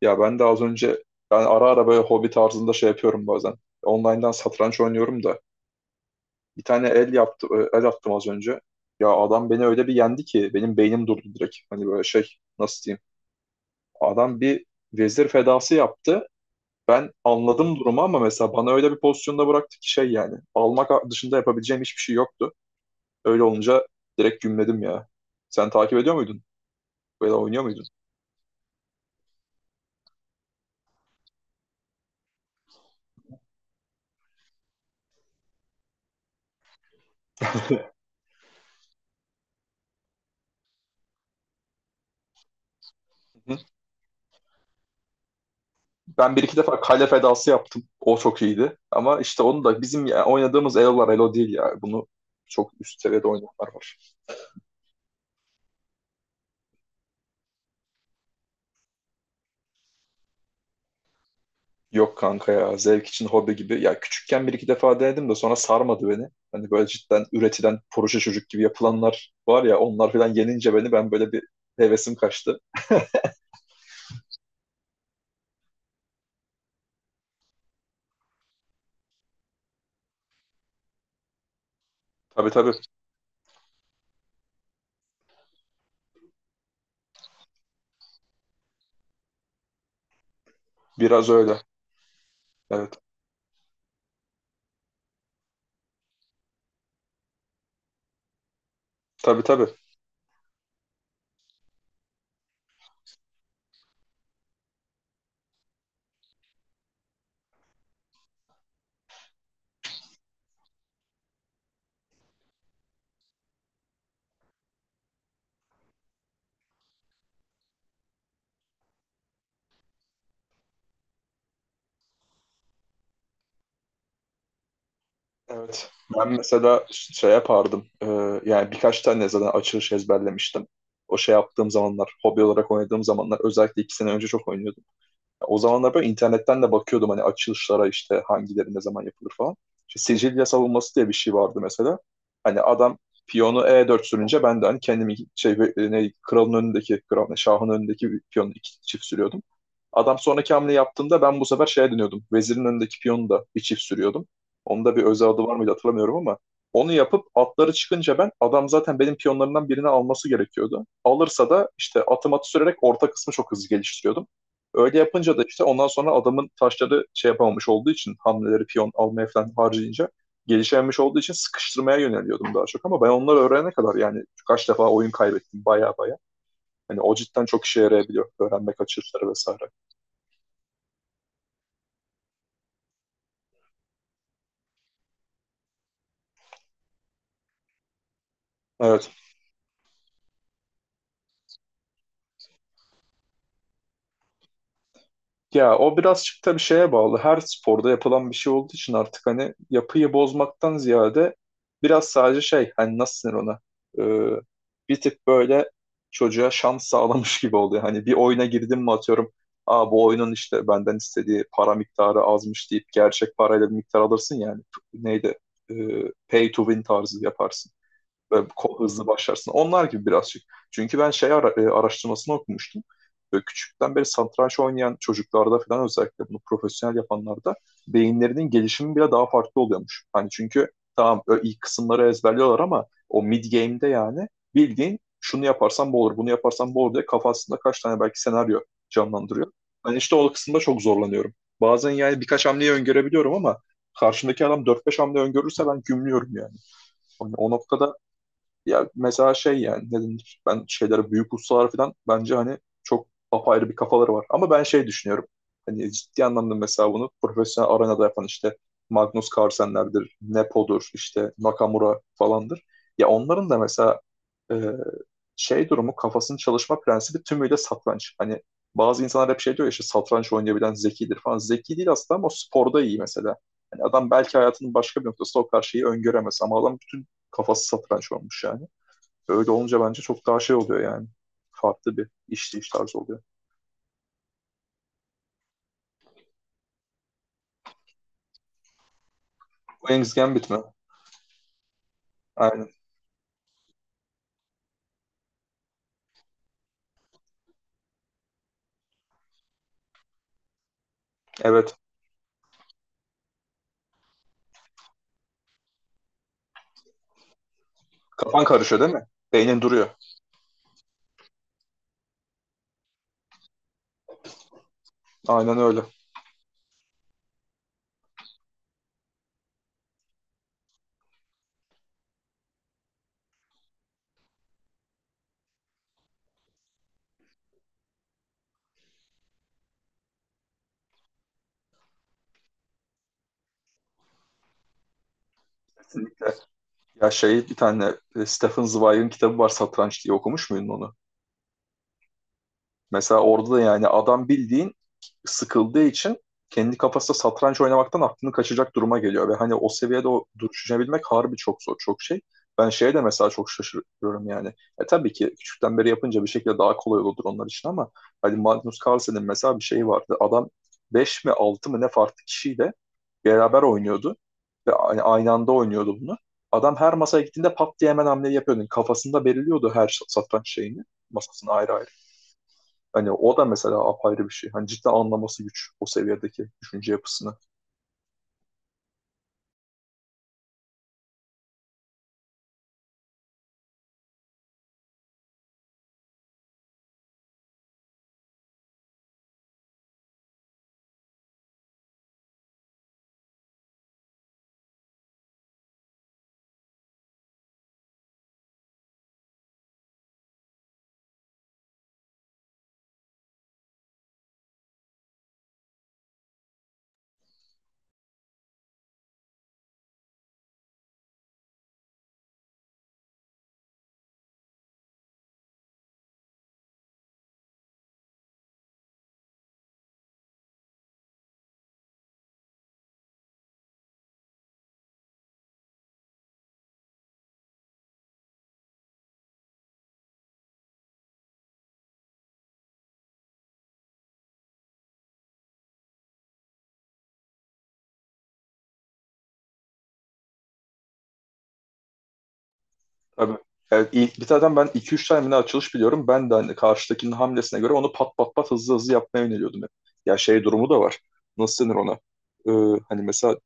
Ya ben de az önce ben ara ara böyle hobi tarzında şey yapıyorum bazen. Online'dan satranç oynuyorum da bir tane el yaptı el attım az önce. Ya adam beni öyle bir yendi ki benim beynim durdu direkt. Hani böyle şey, nasıl diyeyim? Adam bir vezir fedası yaptı. Ben anladım durumu ama mesela bana öyle bir pozisyonda bıraktı ki şey, yani almak dışında yapabileceğim hiçbir şey yoktu. Öyle olunca direkt gümledim ya. Sen takip ediyor muydun? Böyle oynuyor muydun? Ben bir iki defa kale fedası yaptım. O çok iyiydi. Ama işte onu da bizim oynadığımız Elo'lar Elo değil ya. Bunu çok üst seviyede oynayanlar var. Yok kanka, ya zevk için, hobi gibi. Ya küçükken bir iki defa denedim de sonra sarmadı beni. Hani böyle cidden üretilen proje çocuk gibi yapılanlar var ya, onlar falan yenince beni, ben böyle bir hevesim kaçtı. Tabii tabii, biraz öyle. Evet. Tabii tabii. Evet. Ben mesela şey yapardım. Yani birkaç tane zaten açılış ezberlemiştim. O şey yaptığım zamanlar, hobi olarak oynadığım zamanlar, özellikle iki sene önce çok oynuyordum. O zamanlar böyle internetten de bakıyordum hani açılışlara, işte hangileri ne zaman yapılır falan. İşte Sicilya savunması diye bir şey vardı mesela. Hani adam piyonu E4 sürünce ben de hani kendimi şey, ne kralın önündeki kral ne, şahın önündeki bir piyonu iki çift sürüyordum. Adam sonraki hamle yaptığında ben bu sefer şeye dönüyordum. Vezirin önündeki piyonu da bir çift sürüyordum. Onun da bir özel adı var mıydı hatırlamıyorum ama onu yapıp atları çıkınca, ben adam zaten benim piyonlarımdan birini alması gerekiyordu. Alırsa da işte atım atı sürerek orta kısmı çok hızlı geliştiriyordum. Öyle yapınca da işte ondan sonra adamın taşları şey yapamamış olduğu için, hamleleri piyon almaya falan harcayınca, gelişememiş olduğu için sıkıştırmaya yöneliyordum daha çok. Ama ben onları öğrenene kadar yani kaç defa oyun kaybettim baya baya. Hani o cidden çok işe yarayabiliyor, öğrenmek kaçırışları vesaire. Evet. Ya o birazcık da bir şeye bağlı. Her sporda yapılan bir şey olduğu için artık hani yapıyı bozmaktan ziyade biraz sadece şey, hani nasıl denir ona? Ee, Bir tık böyle çocuğa şans sağlamış gibi oluyor. Hani bir oyuna girdim mi, atıyorum, aa, bu oyunun işte benden istediği para miktarı azmış deyip gerçek parayla bir miktar alırsın yani, neydi, Ee, pay to win tarzı yaparsın, hızlı başlarsın. Onlar gibi birazcık. Çünkü ben şey, araştırmasını okumuştum. Böyle küçükten beri satranç oynayan çocuklarda falan, özellikle bunu profesyonel yapanlarda, beyinlerinin gelişimi bile daha farklı oluyormuş. Hani çünkü tamam, ilk kısımları ezberliyorlar ama o mid game'de yani bildiğin şunu yaparsan bu olur, bunu yaparsan bu olur diye kafasında kaç tane belki senaryo canlandırıyor. Ben işte o kısımda çok zorlanıyorum. Bazen yani birkaç hamleyi öngörebiliyorum ama karşımdaki adam dört beş hamle öngörürse ben gümlüyorum yani. Hani o noktada ya, mesela şey yani, ne denir? Ben şeylere, büyük ustalar falan, bence hani çok apayrı bir kafaları var. Ama ben şey düşünüyorum. Hani ciddi anlamda mesela bunu profesyonel arenada yapan, işte Magnus Carlsen'lerdir, Nepo'dur, işte Nakamura falandır. Ya onların da mesela e, şey durumu, kafasının çalışma prensibi tümüyle satranç. Hani bazı insanlar hep şey diyor ya, işte satranç oynayabilen zekidir falan. Zeki değil aslında ama o sporda iyi mesela. Hani adam belki hayatının başka bir noktasında o karşıyı öngöremez ama adam bütün kafası satranç olmuş yani. Öyle olunca bence çok daha şey oluyor yani. Farklı bir işleyiş tarzı oluyor. Queen's Gambit mi? Aynen. Evet. Kafan karışıyor değil mi? Beynin duruyor. Aynen öyle. Kesinlikle. Ya şey, bir tane Stephen Zweig'in kitabı var, Satranç diye, okumuş muydun onu? Mesela orada da yani adam bildiğin sıkıldığı için kendi kafasında satranç oynamaktan aklını kaçacak duruma geliyor. Ve hani o seviyede o düşünebilmek harbi çok zor, çok şey. Ben şeye de mesela çok şaşırıyorum yani. E tabii ki küçükten beri yapınca bir şekilde daha kolay olurdur onlar için ama hani Magnus Carlsen'in mesela bir şeyi vardı. Adam 5 mi 6 mı ne farklı kişiyle beraber oynuyordu. Ve hani aynı anda oynuyordu bunu. Adam her masaya gittiğinde pat diye hemen hamleyi yapıyordu. Kafasında belirliyordu her satranç şeyini. Masasını ayrı ayrı. Hani o da mesela apayrı bir şey. Hani cidden anlaması güç o seviyedeki düşünce yapısını. Tabii. Evet, bir tane ben iki üç tane mi ne açılış biliyorum. Ben de hani karşıdakinin hamlesine göre onu pat pat pat hızlı hızlı yapmaya yöneliyordum hep. Ya şey durumu da var. Nasıl denir ona? Hani mesela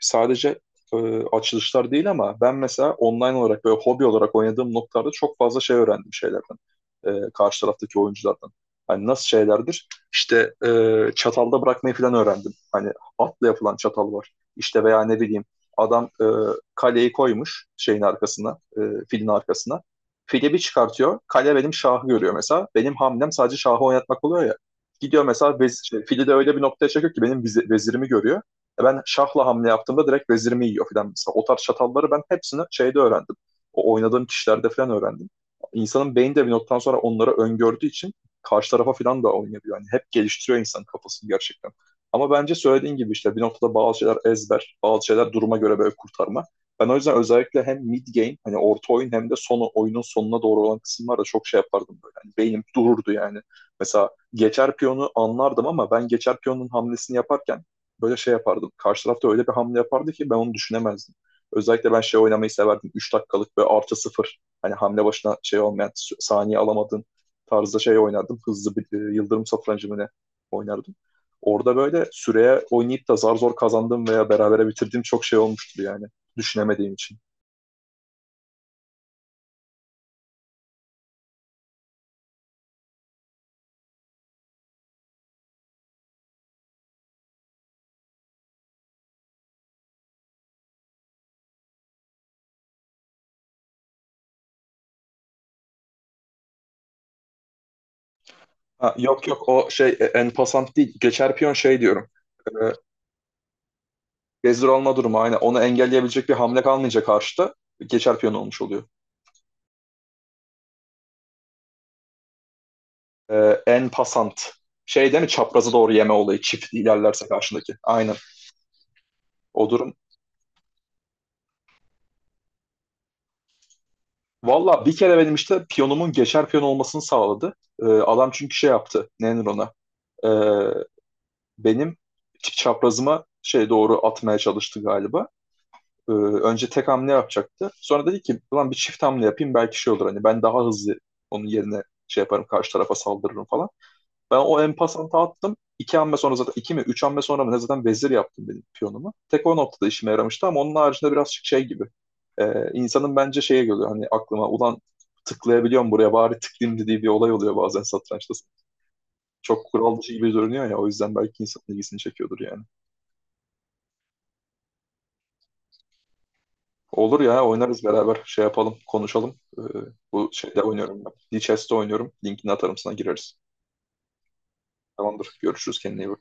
sadece e, açılışlar değil, ama ben mesela online olarak böyle hobi olarak oynadığım noktalarda çok fazla şey öğrendim şeylerden. Karşı taraftaki oyunculardan. Hani nasıl şeylerdir? İşte çatalda bırakmayı falan öğrendim. Hani atla yapılan çatal var. İşte veya ne bileyim, adam kaleyi koymuş şeyin arkasına, filin arkasına. Fili bir çıkartıyor. Kale benim şahı görüyor mesela. Benim hamlem sadece şahı oynatmak oluyor ya. Gidiyor mesela, vez, şey, fili de öyle bir noktaya çekiyor ki benim vezirimi görüyor. E ben şahla hamle yaptığımda direkt vezirimi yiyor falan mesela. O tarz çatalları ben hepsini şeyde öğrendim. O oynadığım kişilerde falan öğrendim. İnsanın beyni de bir noktadan sonra onları öngördüğü için karşı tarafa falan da oynayabiliyor. Yani hep geliştiriyor insanın kafasını gerçekten. Ama bence söylediğin gibi işte bir noktada bazı şeyler ezber, bazı şeyler duruma göre böyle kurtarma. Ben o yüzden özellikle hem mid game, hani orta oyun, hem de son oyunun sonuna doğru olan kısımlarda çok şey yapardım böyle. Hani beynim dururdu yani. Mesela geçer piyonu anlardım ama ben geçer piyonun hamlesini yaparken böyle şey yapardım. Karşı tarafta öyle bir hamle yapardı ki ben onu düşünemezdim. Özellikle ben şey oynamayı severdim. 3 dakikalık böyle artı sıfır. Hani hamle başına şey olmayan, saniye alamadığın tarzda şey oynardım. Hızlı bir yıldırım satrancı mı ne oynardım. Orada böyle süreye oynayıp da zar zor kazandığım veya berabere bitirdiğim çok şey olmuştur yani. Düşünemediğim için. Ha, yok yok, o şey, en pasant değil. Geçer piyon şey diyorum. E, gezdir alma durumu, aynen. Onu engelleyebilecek bir hamle kalmayınca karşıda geçer piyon olmuş oluyor. E, en pasant. Şey değil mi, çaprazı doğru yeme olayı çift ilerlerse karşındaki. Aynen o durum. Valla bir kere benim işte piyonumun geçer piyon olmasını sağladı. E, adam çünkü şey yaptı. Ne denir ona? E, benim çaprazıma şey doğru atmaya çalıştı galiba. Önce tek hamle yapacaktı. Sonra dedi ki ulan bir çift hamle yapayım belki şey olur, hani ben daha hızlı, onun yerine şey yaparım, karşı tarafa saldırırım falan. Ben o empasanta attım. İki hamle sonra, zaten iki mi üç hamle sonra mı ne, zaten vezir yaptım benim piyonumu. Tek o noktada işime yaramıştı ama onun haricinde birazcık şey gibi. İnsanın bence şeye geliyor hani, aklıma ulan tıklayabiliyorum buraya bari tıklayayım dediği bir olay oluyor bazen satrançta. Çok kural dışı gibi görünüyor ya, o yüzden belki insanın ilgisini çekiyordur yani. Olur ya, oynarız beraber, şey yapalım, konuşalım. Bu şeyde oynuyorum ben. Lichess'te oynuyorum. Linkini atarım sana, gireriz. Tamamdır. Görüşürüz, kendine iyi bak.